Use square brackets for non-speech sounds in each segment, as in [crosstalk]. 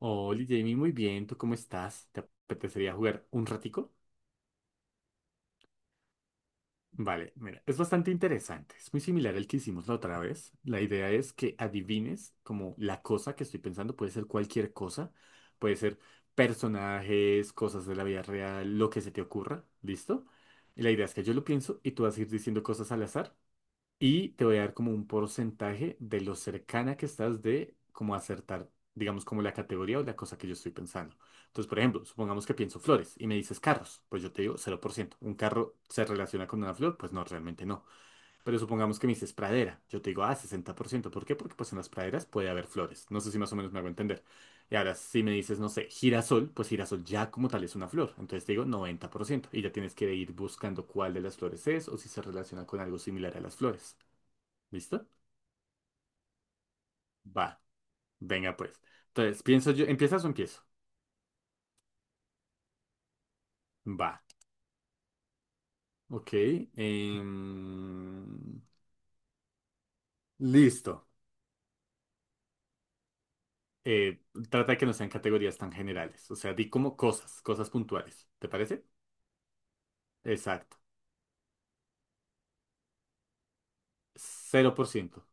Hola Jamie, muy bien, ¿tú cómo estás? ¿Te apetecería jugar un ratico? Vale, mira, es bastante interesante, es muy similar al que hicimos la otra vez. La idea es que adivines como la cosa que estoy pensando, puede ser cualquier cosa, puede ser personajes, cosas de la vida real, lo que se te ocurra, ¿listo? Y la idea es que yo lo pienso y tú vas a ir diciendo cosas al azar. Y te voy a dar como un porcentaje de lo cercana que estás de como acertar, digamos, como la categoría o la cosa que yo estoy pensando. Entonces, por ejemplo, supongamos que pienso flores y me dices carros, pues yo te digo 0%. ¿Un carro se relaciona con una flor? Pues no, realmente no. Pero supongamos que me dices pradera, yo te digo, ah, 60. ¿Por ciento por qué? Porque pues en las praderas puede haber flores. No sé si más o menos me hago entender. Y ahora, si me dices, no sé, girasol, pues girasol ya como tal es una flor. Entonces te digo 90%. Y ya tienes que ir buscando cuál de las flores es o si se relaciona con algo similar a las flores. ¿Listo? Va, venga pues. Entonces, pienso yo, ¿empiezas o empiezo? Va, ok. em, listo. Eh, trata de que no sean categorías tan generales. O sea, di como cosas, cosas puntuales. ¿Te parece? Exacto. 0%.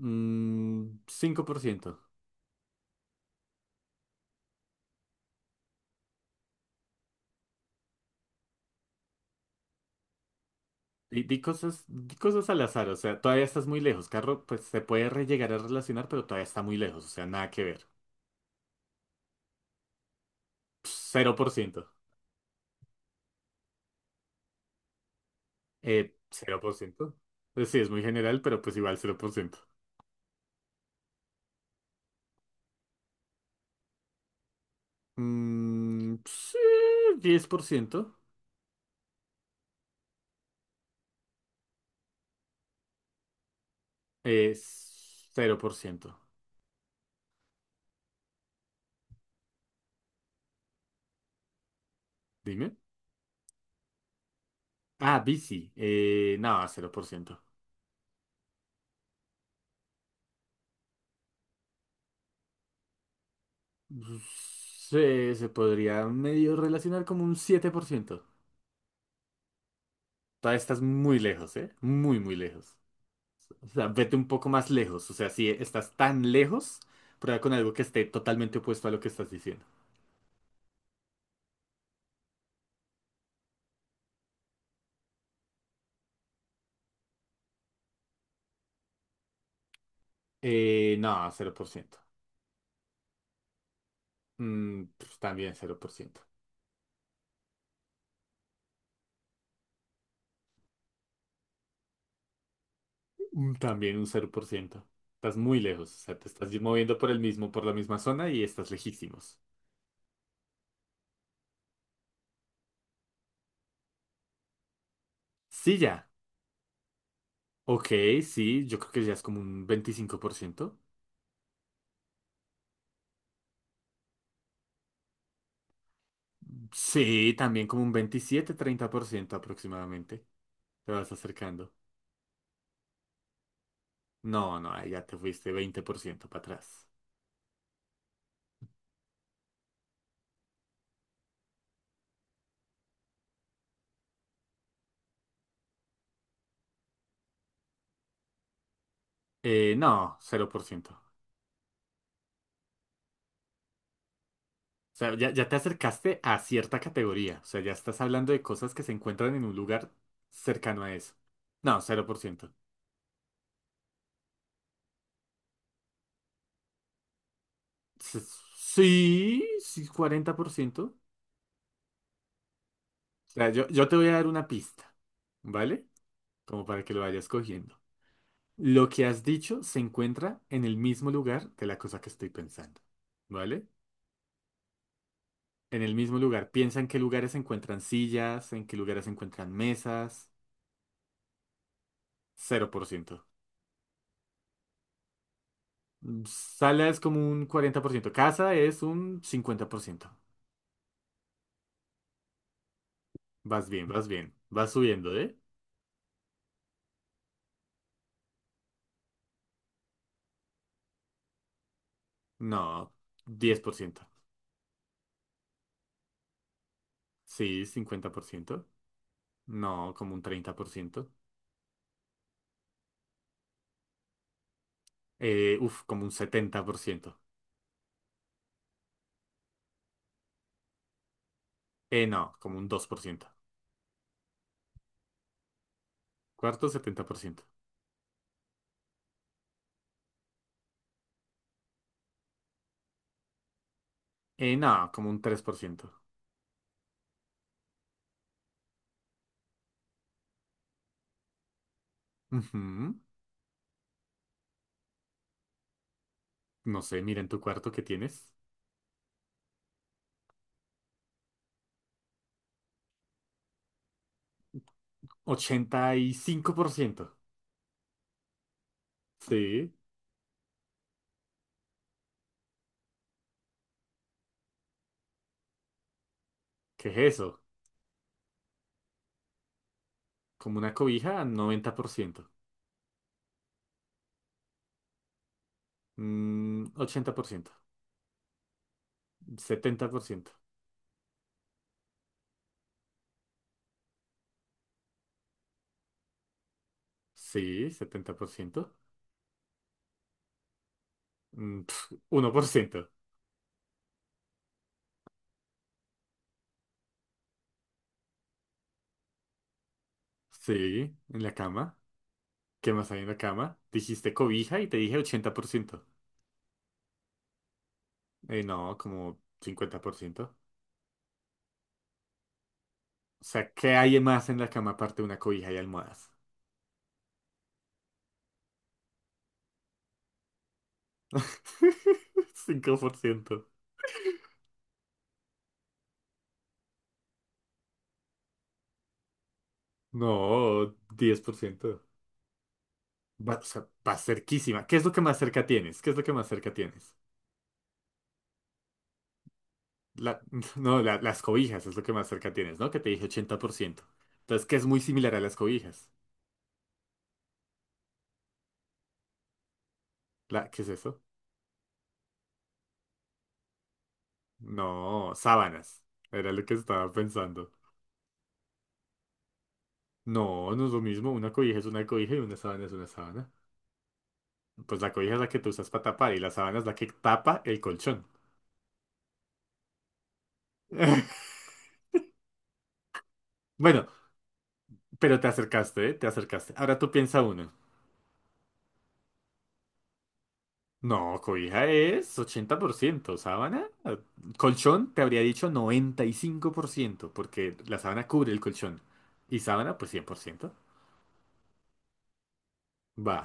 5%. Di, di cosas al azar. O sea, todavía estás muy lejos. Carro, pues se puede llegar a relacionar, pero todavía está muy lejos. O sea, nada que ver. Cero por ciento. 0%. Pues sí, es muy general, pero pues igual 0%. Mm, sí, 10%. Es cero por ciento. Dime. Ah, bici. No, 0%. Se, se podría medio relacionar como un 7%. Todavía estás muy lejos, ¿eh? Muy, muy lejos. O sea, vete un poco más lejos. O sea, si estás tan lejos, prueba con algo que esté totalmente opuesto a lo que estás diciendo. No, 0%. Pues también 0%. También un 0%. Estás muy lejos, o sea, te estás moviendo por el mismo, por la misma zona y estás lejísimos. Sí, ya. Ok, sí, yo creo que ya es como un 25%. Sí, también como un 27 30% aproximadamente. Te vas acercando. No, no, ahí ya te fuiste 20% para atrás. No, 0%. O sea, ya, ya te acercaste a cierta categoría. O sea, ya estás hablando de cosas que se encuentran en un lugar cercano a eso. No, 0%. S- Sí, sí, 40%. O sea, yo te voy a dar una pista, ¿vale? Como para que lo vayas cogiendo. Lo que has dicho se encuentra en el mismo lugar de la cosa que estoy pensando, ¿vale? En el mismo lugar. Piensa en qué lugares se encuentran sillas, en qué lugares se encuentran mesas. Cero por ciento. Sala es como un 40%, casa es un 50%. Vas bien, vas bien. Vas subiendo, ¿eh? No, 10%. Sí, 50%. No, como un 30%. Uf, como un 70%. No, como un 2%. Cuarto, 70%. No, como un 3%. Ujú. No sé, mira en tu cuarto que tienes. 85%. Sí, ¿qué es eso? Como una cobija, 90%. Ochenta por ciento. Setenta por ciento. Sí, 70%. Uno por ciento. Sí, en la cama. ¿Qué más hay en la cama? Dijiste cobija y te dije 80%. No, como 50%. O sea, ¿qué hay más en la cama aparte de una cobija y almohadas? [laughs] Cinco por ciento. No, 10%. Va, o sea, va cerquísima. ¿Qué es lo que más cerca tienes? ¿Qué es lo que más cerca tienes? La- [laughs] no, las cobijas es lo que más cerca tienes, ¿no? Que te dije 80%. Entonces, que es muy similar a las cobijas. La, ¿qué es eso? No, sábanas. Era lo que estaba pensando. No, no es lo mismo. Una cobija es una cobija y una sábana es una sábana. Pues la cobija es la que tú usas para tapar y la sábana es la que tapa el colchón. [laughs] Bueno, pero te acercaste, ¿eh? Te acercaste. Ahora tú piensa uno. No, cobija es 80%, sábana, colchón te habría dicho 95%, porque la sábana cubre el colchón. Y sábana, pues 100%. Va.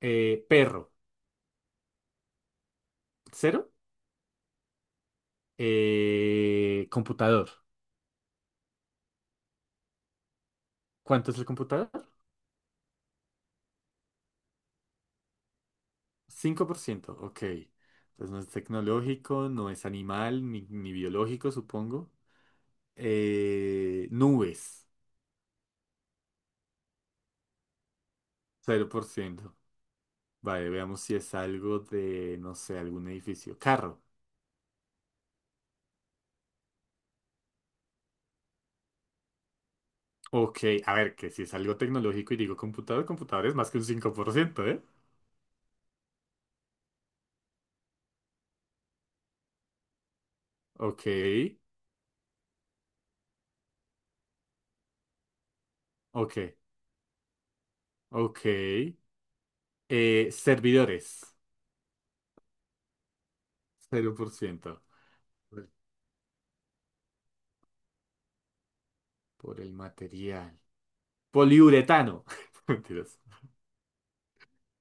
Perro, cero. Computador, ¿cuánto es el computador? Cinco por ciento, ok. Entonces no es tecnológico, no es animal, ni biológico, supongo. Nubes, 0%. Vale, veamos si es algo de, no sé, algún edificio. Carro. Ok, a ver, que si es algo tecnológico y digo computador, computador es más que un 5%, ¿eh? Ok, ok, ok. Servidores, 0%. Por el por el material. Poliuretano. [laughs] Mentiras,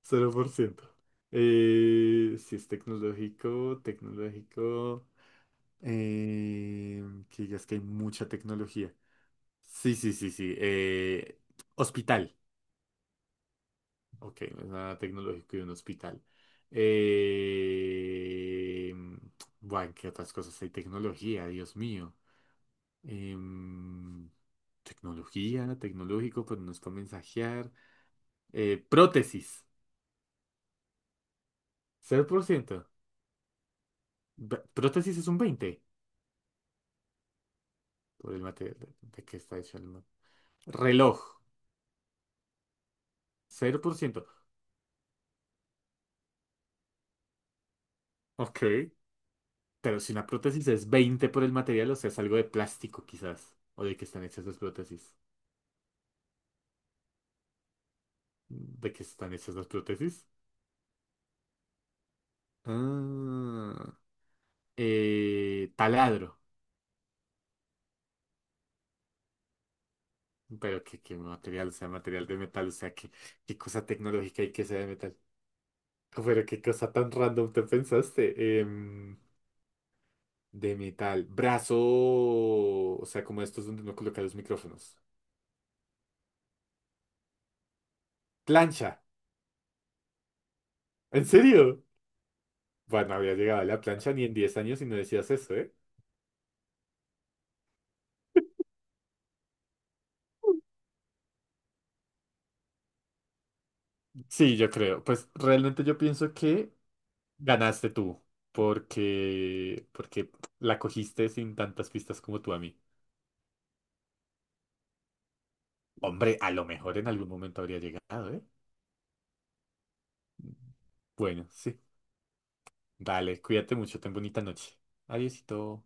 0%. Si es tecnológico, tecnológico. eh, que digas que hay mucha tecnología. Sí, sí, sí, sí. Hospital. Ok, no es nada tecnológico y un hospital. Eh... Bueno, ¿qué otras cosas hay? Tecnología, Dios mío. Em, Tecnología, tecnológico, pero no es para mensajear. Prótesis, 0%. Prótesis es un 20% por el material de que está hecho el. Reloj, 0%. Ok, pero si una prótesis es 20 por el material, o sea, es algo de plástico quizás. ¿O de qué están hechas las prótesis? ¿De qué están hechas las prótesis? Ah, taladro. Pero qué material, o sea, material de metal, o sea, qué cosa tecnológica hay que sea de metal. Oh, pero qué cosa tan random te pensaste. De metal. Brazo, o sea, como estos donde uno coloca los micrófonos. Plancha. ¿En serio? Bueno, había llegado a la plancha ni en 10 años y no decías eso, ¿eh? Sí, yo creo. Pues realmente yo pienso que ganaste tú, porque la cogiste sin tantas pistas como tú a mí. Hombre, a lo mejor en algún momento habría llegado, ¿eh? Bueno, sí. Dale, cuídate mucho, ten bonita noche. Adiósito.